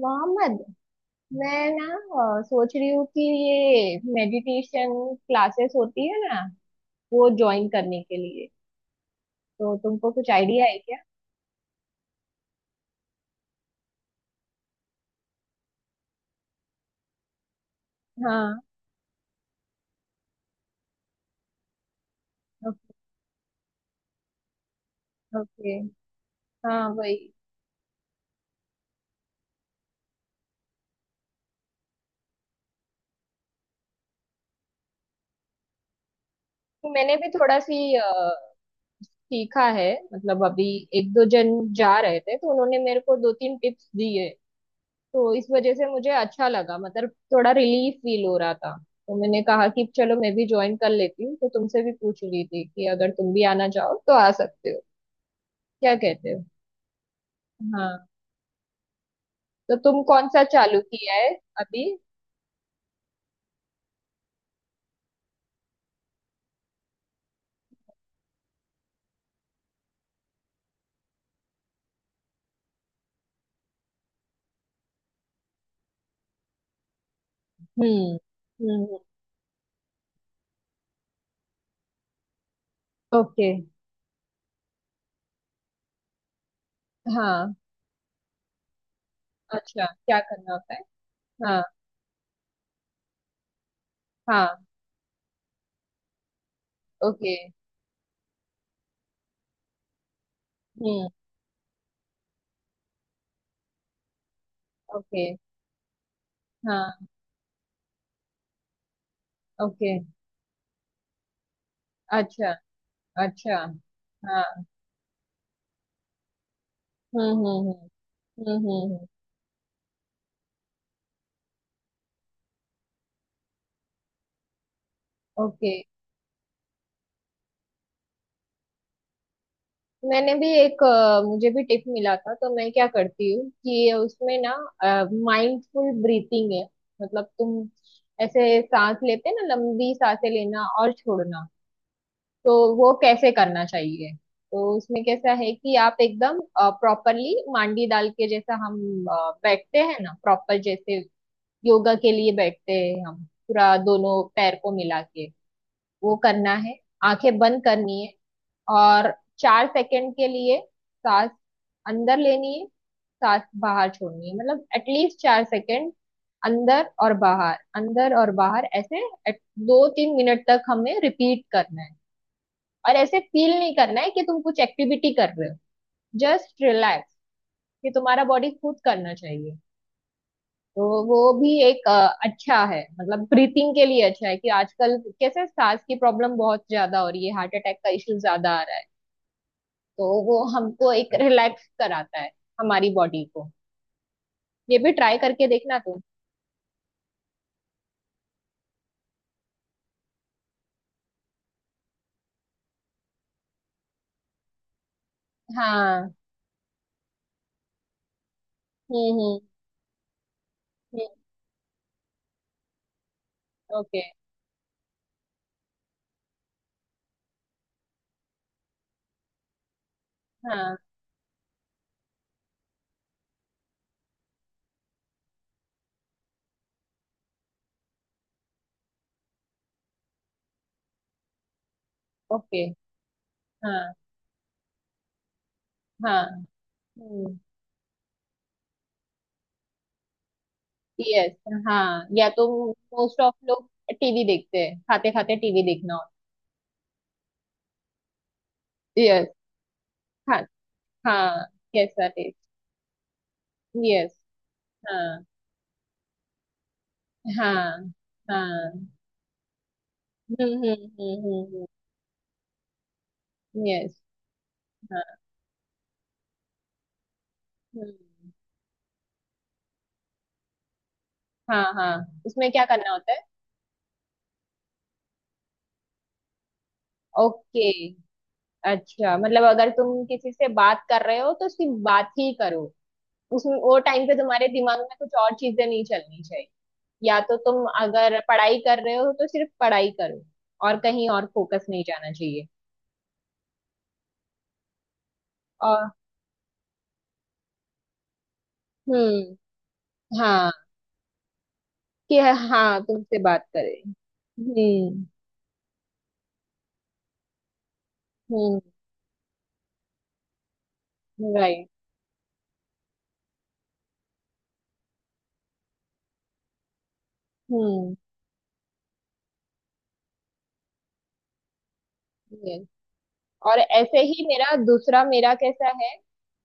मोहम्मद, मैं ना सोच रही हूँ कि ये मेडिटेशन क्लासेस होती है ना, वो ज्वाइन करने के लिए तो तुमको कुछ आइडिया है क्या। हाँ। ओके। ओके। हाँ, वही तो। मैंने भी थोड़ा सी सीखा है, मतलब अभी एक दो जन जा रहे थे तो उन्होंने मेरे को दो तीन टिप्स दिए, तो इस वजह से मुझे अच्छा लगा, मतलब थोड़ा रिलीफ फील हो रहा था। तो मैंने कहा कि चलो मैं भी ज्वाइन कर लेती हूँ, तो तुमसे भी पूछ रही थी कि अगर तुम भी आना चाहो तो आ सकते हो। क्या कहते हो। हाँ। तो तुम कौन सा चालू किया है अभी। हम्म। हम्म। ओके। हाँ। अच्छा, क्या करना होता है। हाँ। हाँ। ओके। हम्म। ओके। हाँ। ओके। अच्छा। अच्छा। हाँ। हम्म। हम्म। हम्म। हम्म। हम्म। हम्म। ओके। मैंने भी एक मुझे भी टिप मिला था, तो मैं क्या करती हूँ कि उसमें ना माइंडफुल ब्रीथिंग है। मतलब तुम ऐसे सांस लेते हैं ना, लंबी सांसें लेना और छोड़ना, तो वो कैसे करना चाहिए। तो उसमें कैसा है कि आप एकदम प्रॉपरली मांडी डाल के, जैसा हम बैठते हैं ना प्रॉपर, जैसे योगा के लिए बैठते हैं, हम पूरा दोनों पैर को मिला के वो करना है। आंखें बंद करनी है और 4 सेकंड के लिए सांस अंदर लेनी है, सांस बाहर छोड़नी है, मतलब एटलीस्ट 4 सेकंड अंदर और बाहर, अंदर और बाहर, ऐसे at- दो तीन मिनट तक हमें रिपीट करना है। और ऐसे फील नहीं करना है कि तुम कुछ एक्टिविटी कर रहे हो, जस्ट रिलैक्स कि तुम्हारा बॉडी खुद करना चाहिए। तो वो भी एक अच्छा है, मतलब ब्रीथिंग के लिए अच्छा है कि आजकल कैसे सांस की प्रॉब्लम बहुत ज्यादा हो रही है, हार्ट अटैक का इश्यू ज्यादा आ रहा है, तो वो हमको एक रिलैक्स कराता है हमारी बॉडी को। ये भी ट्राई करके देखना तुम। हाँ। हम्म। हम्म। ओके। हाँ। ओके। हाँ। हाँ। हम्म। यस। हाँ, या तो मोस्ट ऑफ लोग टीवी देखते हैं, खाते खाते टीवी देखना होता है। यस। हाँ। हाँ, कैसा टेस्ट। यस। हाँ। हाँ। हाँ। हम्म। हम्म। हम्म। हम्म। यस। हाँ। हम्म। हाँ। हाँ, उसमें क्या करना होता है। ओके। अच्छा, मतलब अगर तुम किसी से बात कर रहे हो तो सिर्फ बात ही करो, उसमें वो टाइम पे तुम्हारे दिमाग में कुछ और चीजें नहीं चलनी चाहिए। या तो तुम अगर पढ़ाई कर रहे हो तो सिर्फ पढ़ाई करो, और कहीं और फोकस नहीं जाना चाहिए। और हम्म। हाँ कि, हाँ तुमसे बात करें। हम्म। हम्म। राइट। हम्म। yes। और ऐसे ही मेरा दूसरा, मेरा कैसा है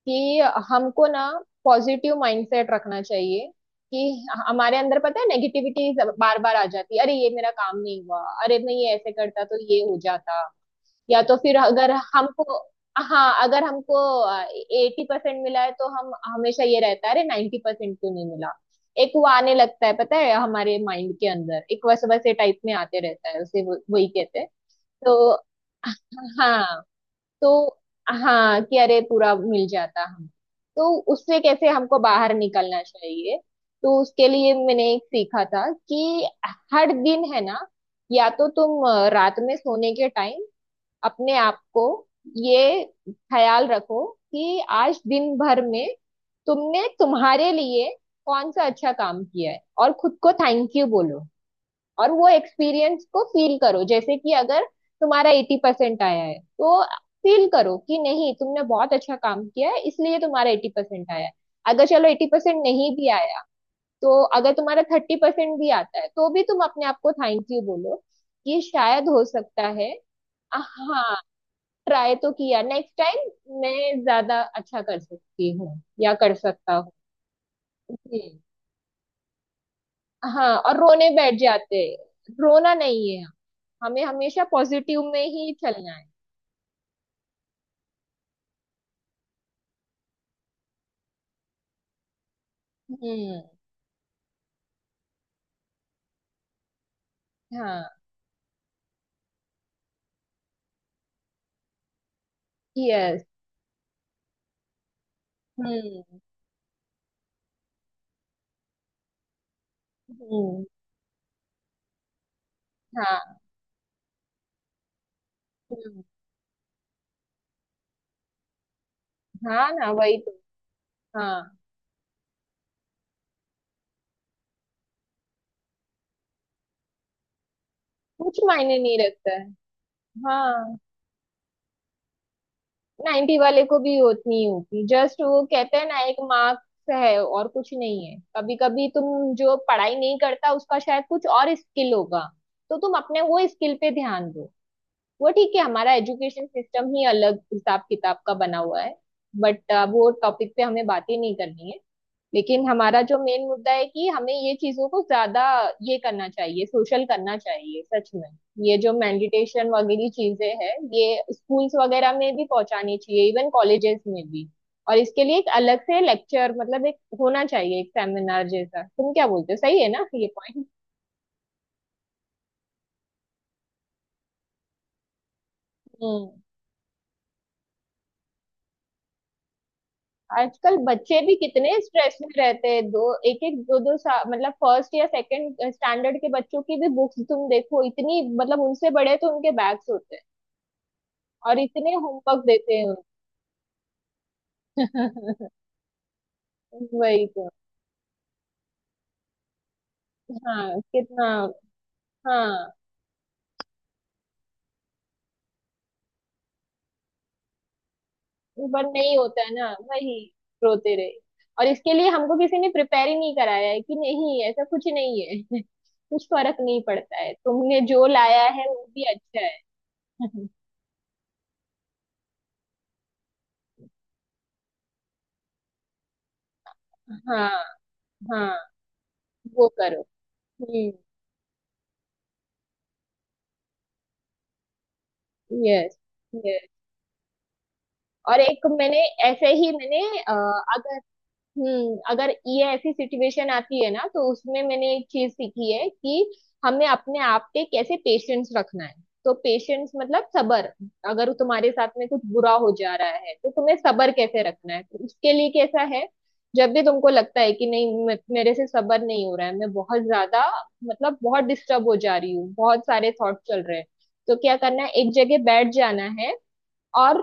कि हमको ना पॉजिटिव माइंडसेट रखना चाहिए। कि हमारे अंदर पता है नेगेटिविटी बार बार आ जाती है, अरे ये मेरा काम नहीं हुआ, अरे मैं ये ऐसे करता तो ये हो जाता। या तो फिर अगर हमको, हाँ अगर हमको 80% मिला है, तो हम हमेशा ये रहता है अरे 90% क्यों नहीं मिला। एक वो आने लगता है, पता है हमारे माइंड के अंदर एक वैसे वैसे टाइप में आते रहता है, उसे वही कहते हैं। तो हाँ, तो हाँ कि अरे पूरा मिल जाता हम। तो उससे कैसे हमको बाहर निकलना चाहिए, तो उसके लिए मैंने एक सीखा था कि हर दिन है ना, या तो तुम रात में सोने के टाइम अपने आप को ये ख्याल रखो कि आज दिन भर में तुमने तुम्हारे लिए कौन सा अच्छा काम किया है और खुद को थैंक यू बोलो। और वो एक्सपीरियंस को फील करो, जैसे कि अगर तुम्हारा 80% आया है तो फील करो कि नहीं, तुमने बहुत अच्छा काम किया है इसलिए तुम्हारा 80% आया है। अगर चलो 80% नहीं भी आया, तो अगर तुम्हारा 30% भी आता है, तो भी तुम अपने आप को थैंक यू बोलो कि शायद हो सकता है। हाँ, ट्राई तो किया, नेक्स्ट टाइम मैं ज्यादा अच्छा कर सकती हूँ या कर सकता हूँ। जी। हाँ, और रोने बैठ जाते हैं। रोना नहीं है, हमें हमेशा पॉजिटिव में ही चलना है। हम्म। हाँ। यस। हम्म। हम्म। हाँ। हम्म। हाँ ना, वही तो। हाँ, कुछ मायने नहीं रखता है। हाँ, नाइन्टी वाले को भी उतनी ही होती, जस्ट वो कहते हैं ना एक मार्क्स है और कुछ नहीं है। कभी कभी तुम जो पढ़ाई नहीं करता उसका शायद कुछ और स्किल होगा, तो तुम अपने वो स्किल पे ध्यान दो। वो ठीक है, हमारा एजुकेशन सिस्टम ही अलग हिसाब किताब का बना हुआ है। बट वो टॉपिक पे हमें बात ही नहीं करनी है। लेकिन हमारा जो मेन मुद्दा है कि हमें ये चीजों को ज्यादा ये करना चाहिए, सोशल करना चाहिए सच में। ये जो मेडिटेशन वगैरह चीजें हैं ये स्कूल्स वगैरह में भी पहुंचानी चाहिए, इवन कॉलेजेस में भी। और इसके लिए एक अलग से लेक्चर, मतलब एक होना चाहिए एक सेमिनार जैसा, तुम क्या बोलते हो, सही है ना ये पॉइंट। हम्म। आजकल बच्चे भी कितने स्ट्रेस में रहते हैं, दो एक एक दो दो मतलब फर्स्ट या सेकंड स्टैंडर्ड के बच्चों की भी बुक्स तुम देखो इतनी, मतलब उनसे बड़े तो उनके बैग्स होते हैं और इतने होमवर्क देते हैं। वो। वही तो। हाँ कितना। हाँ, पर नहीं होता है ना वही, रोते रहे। और इसके लिए हमको किसी ने प्रिपेयर ही नहीं कराया है कि नहीं ऐसा कुछ नहीं है। कुछ फर्क नहीं पड़ता है, तुमने जो लाया है वो भी अच्छा है। हाँ। हाँ, वो करो। हम्म। यस। यस। और एक मैंने, ऐसे ही मैंने अगर हम्म, अगर ये ऐसी सिचुएशन आती है ना तो उसमें मैंने एक चीज सीखी है कि हमें अपने आप पे कैसे पेशेंस रखना है। तो पेशेंस मतलब सबर। अगर तुम्हारे साथ में कुछ बुरा हो जा रहा है तो तुम्हें सबर कैसे रखना है, तो उसके लिए कैसा है, जब भी तुमको लगता है कि नहीं मेरे से सबर नहीं हो रहा है, मैं बहुत ज्यादा मतलब बहुत डिस्टर्ब हो जा रही हूँ, बहुत सारे थॉट चल रहे हैं, तो क्या करना है एक जगह बैठ जाना है। और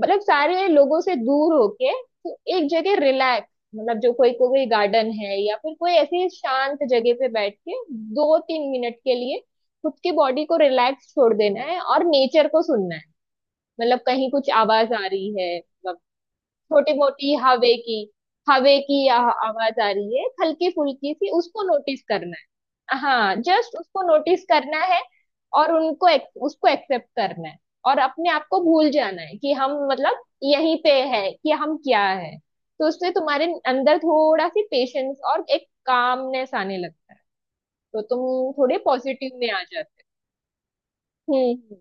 मतलब सारे लोगों से दूर होके तो एक जगह रिलैक्स, मतलब जो कोई कोई गार्डन है या फिर कोई ऐसी शांत जगह पे बैठ के दो तीन मिनट के लिए खुद की बॉडी को रिलैक्स छोड़ देना है और नेचर को सुनना है। मतलब कहीं कुछ आवाज आ रही है मतलब छोटी मोटी हवे की, हवे की आ- आवाज आ रही है हल्की फुल्की सी, उसको नोटिस करना है। हाँ, जस्ट उसको नोटिस करना है। और उनको एक, उसको एक्सेप्ट करना है। और अपने आप को भूल जाना है कि हम मतलब यहीं पे है कि हम क्या है, तो उससे तुम्हारे अंदर थोड़ा सी पेशेंस और एक कामनेस आने लगता है, तो तुम थोड़े पॉजिटिव में आ जाते हो। हम्म।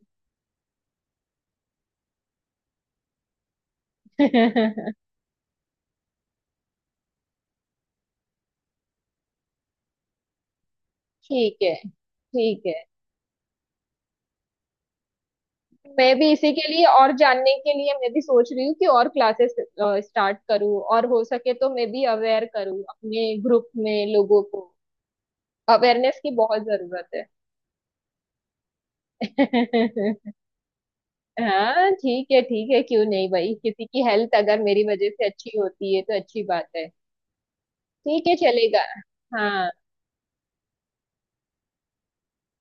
हम्म। ठीक है ठीक है। मैं भी इसी के लिए और जानने के लिए मैं भी सोच रही हूँ कि और क्लासेस स्टार्ट करूँ, और हो सके तो मैं भी अवेयर करूँ अपने ग्रुप में लोगों को, अवेयरनेस की बहुत जरूरत है। हाँ ठीक है ठीक है, क्यों नहीं भाई, किसी की हेल्थ अगर मेरी वजह से अच्छी होती है तो अच्छी बात है। ठीक है चलेगा। हाँ।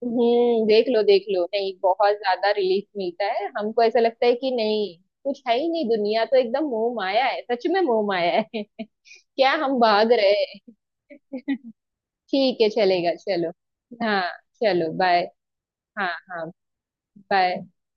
हम्म, देख लो देख लो, नहीं बहुत ज्यादा रिलीफ मिलता है हमको, ऐसा लगता है कि नहीं कुछ है ही नहीं, दुनिया तो एकदम मोह माया है, सच में मोह माया है। क्या हम भाग रहे हैं। ठीक है चलेगा चलो। हाँ, चलो बाय। हाँ हाँ, बाय।